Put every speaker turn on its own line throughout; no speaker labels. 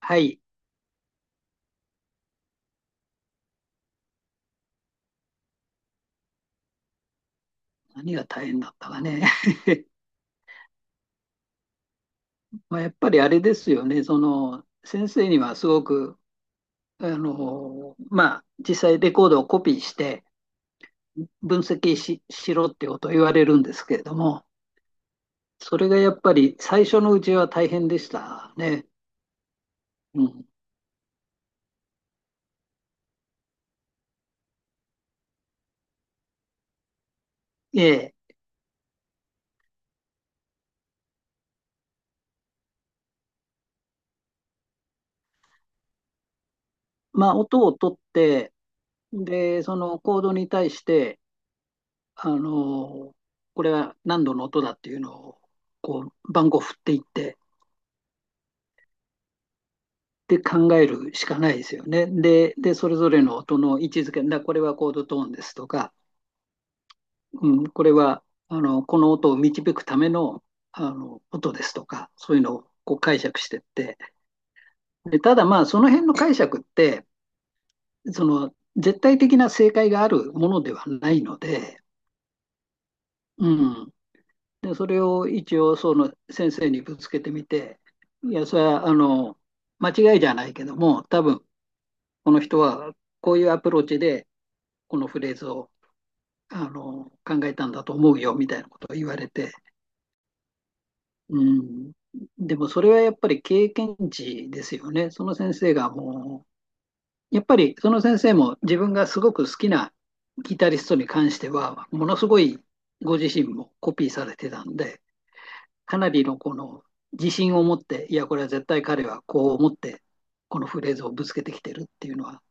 はい。何が大変だったかね。まあ、やっぱりあれですよね。その、先生にはすごく、まあ、実際レコードをコピーして分析し、しろってことを言われるんですけれども、それがやっぱり最初のうちは大変でしたね。うん。ええ。まあ、音を取って、で、そのコードに対して、あの、これは何度の音だっていうのを、こう、番号振っていって、で考えるしかないですよね。で、それぞれの音の位置づけ、だこれはコードトーンですとか、うん、これはあのこの音を導くためのあの音ですとか、そういうのをこう解釈してって、でただまあ、その辺の解釈って、その絶対的な正解があるものではないので、うん、でそれを一応その先生にぶつけてみて、いや、それは間違いじゃないけども、多分この人はこういうアプローチでこのフレーズを考えたんだと思うよみたいなことを言われて、うん、でもそれはやっぱり経験値ですよね。その先生がもう、やっぱりその先生も自分がすごく好きなギタリストに関しては、ものすごいご自身もコピーされてたんで、かなりのこの自信を持って、いや、これは絶対彼はこう思って、このフレーズをぶつけてきてるっていうのは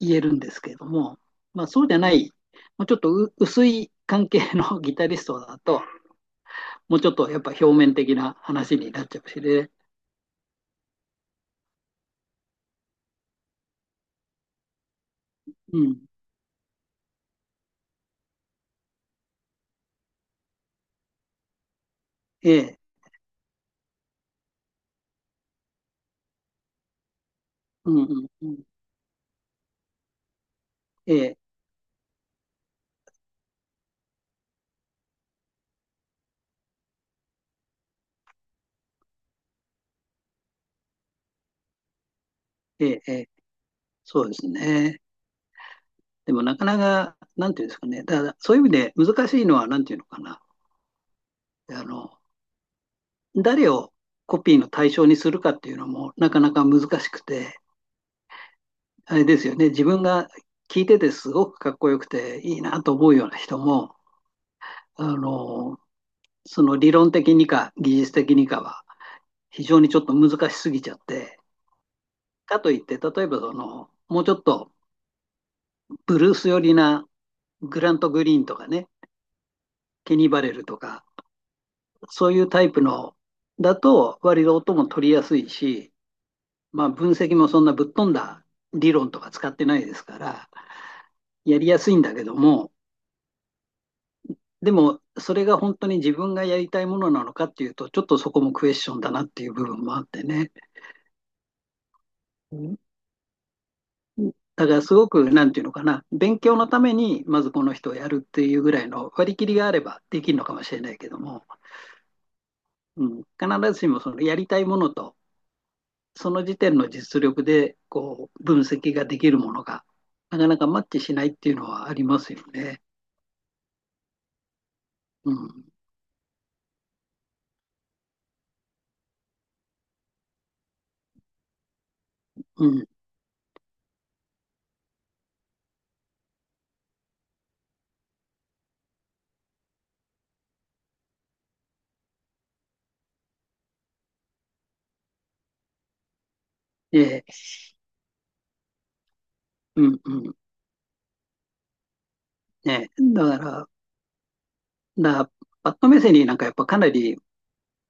言えるんですけれども、まあ、そうじゃない、もうちょっとう薄い関係のギタリストだと、もうちょっとやっぱ表面的な話になっちゃうしね。うん。ええ、うんうんうん。ええ、ええ、ええ、そうですね。でもなかなか、なんていうんですかね。だからそういう意味で難しいのは、なんていうのかな。あの、誰をコピーの対象にするかっていうのもなかなか難しくて、あれですよね、自分が聞いててすごくかっこよくていいなと思うような人も、あの、その理論的にか技術的にかは非常にちょっと難しすぎちゃって、かといって、例えばその、もうちょっとブルース寄りなグラント・グリーンとかね、ケニー・バレルとか、そういうタイプのだと割と音も取りやすいし、まあ、分析もそんなぶっ飛んだ理論とか使ってないですから、やりやすいんだけども、でも、それが本当に自分がやりたいものなのかっていうと、ちょっとそこもクエスチョンだなっていう部分もあってね。だからすごく、なんていうのかな、勉強のために、まずこの人をやるっていうぐらいの割り切りがあればできるのかもしれないけども、うん、必ずしもそのやりたいものと、その時点の実力でこう分析ができるものが、なかなかマッチしないっていうのはありますよね。うんうん、ええ、うん、うん、ねだから、だからパッドメセリーなんかやっぱかなり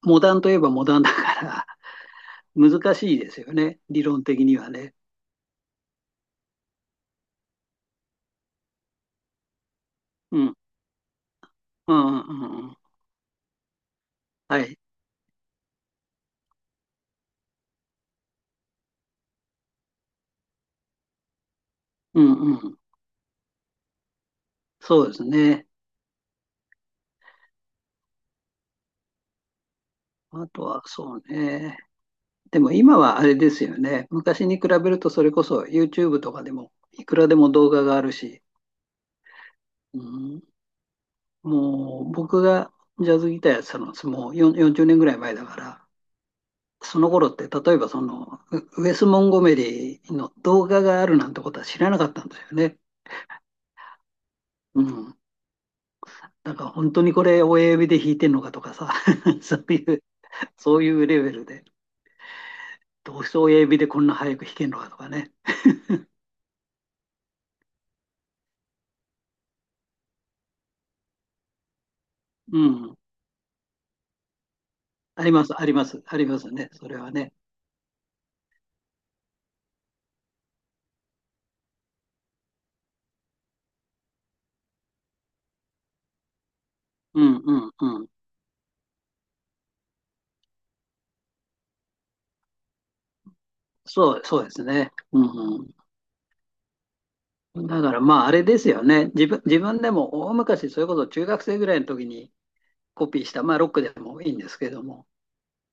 モダンといえばモダンだから 難しいですよね、理論的にはね。うん、うん、うん、うんはい、うん、うん、そうですね。あとはそうね。でも今はあれですよね。昔に比べるとそれこそ YouTube とかでもいくらでも動画があるし、うん、もう僕がジャズギターやってたのはもう4 40年ぐらい前だから、その頃って、例えばその、ウェス・モンゴメリーの動画があるなんてことは知らなかったんですよね。うん。だから本当にこれ親指で弾いてんのかとかさ、そういう、そういうレベルで、どうして親指でこんな早く弾けんのかとかね。うん。あります、あります、ありますね。それはね。うんうんうん。そう、そうですね。うんうん。だからまああれですよね。自分でも大昔、それこそ中学生ぐらいの時にコピーした、まあロックでもいいんですけども、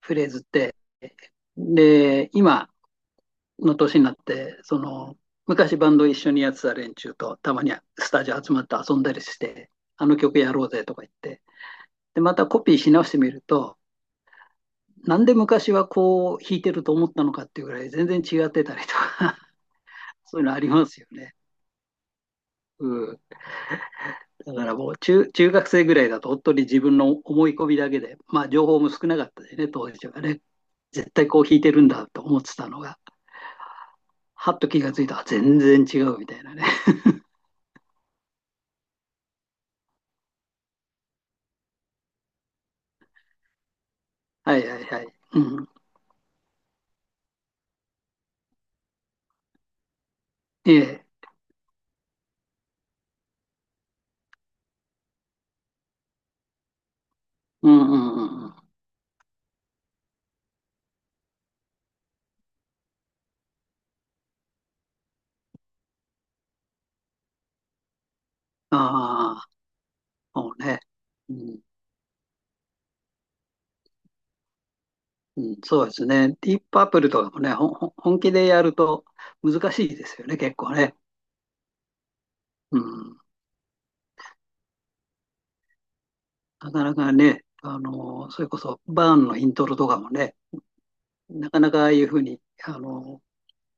フレーズって。で、今の年になって、その、昔バンド一緒にやってた連中とたまにスタジオ集まって遊んだりして、あの曲やろうぜとか言って、で、またコピーし直してみると、なんで昔はこう弾いてると思ったのかっていうぐらい全然違ってたりとか そういうのありますよね。うん。だからもう中学生ぐらいだと本当に自分の思い込みだけで、まあ情報も少なかったしね、当時はね。絶対こう弾いてるんだと思ってたのが、はっと気がついたら全然違うみたいなね。はいはいはい。うん。ええ。うんうんうんうん。ああ、そうね。うん、うん、そうですね。ディープアップルとかもね、ほんほん本気でやると難しいですよね、結構ね。うん。なかなかね、それこそバーンのイントロとかもね、なかなかああいうふうに、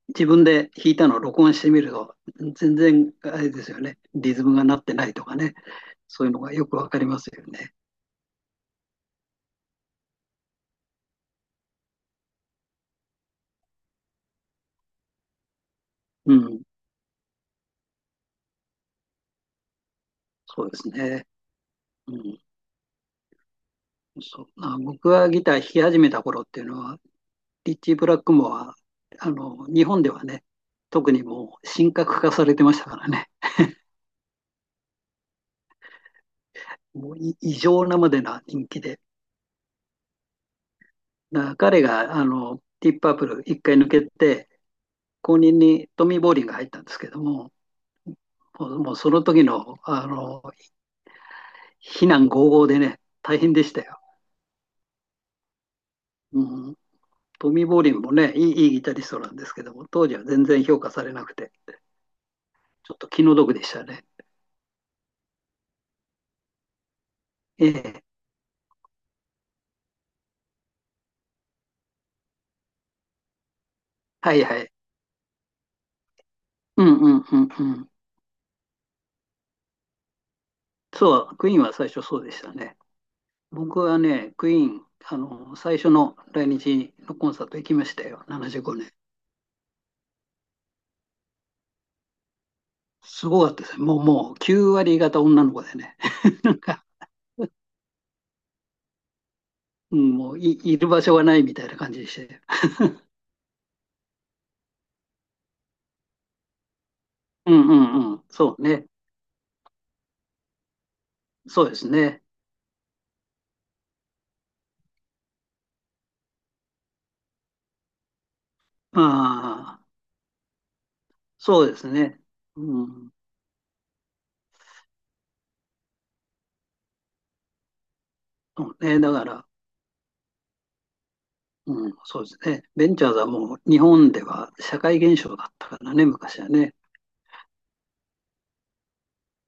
自分で弾いたのを録音してみると、全然あれですよね。リズムがなってないとかね。そういうのがよくわかりますよね。うん。そうですね。うん。そうまあ、僕はギター弾き始めた頃っていうのは、リッチー・ブラックモア、日本ではね、特にもう神格化されてましたからね。もう異常なまでな人気で。だから彼が、ディープパープル一回抜けて、後任にトミー・ボーリンが入ったんですけども、もうその時の、非難轟々でね、大変でしたよ。うん。トミー・ボーリンもね、いいギタリストなんですけども、当時は全然評価されなくて。ちょっと気の毒でしたね。ええ。はいはい。うんうんうんうん。そう、クイーンは最初そうでしたね。僕はね、クイーン、最初の来日のコンサート行きましたよ、75年。すごかったですね。もう、もう9割方女の子でね。なんか、うん、もういる場所がないみたいな感じでして。うんうんうん。そうね。そうですね。ああ、そうですね。うん。そうね。だから、うん、そうですね。ベンチャーズはもう日本では社会現象だったからね、昔はね。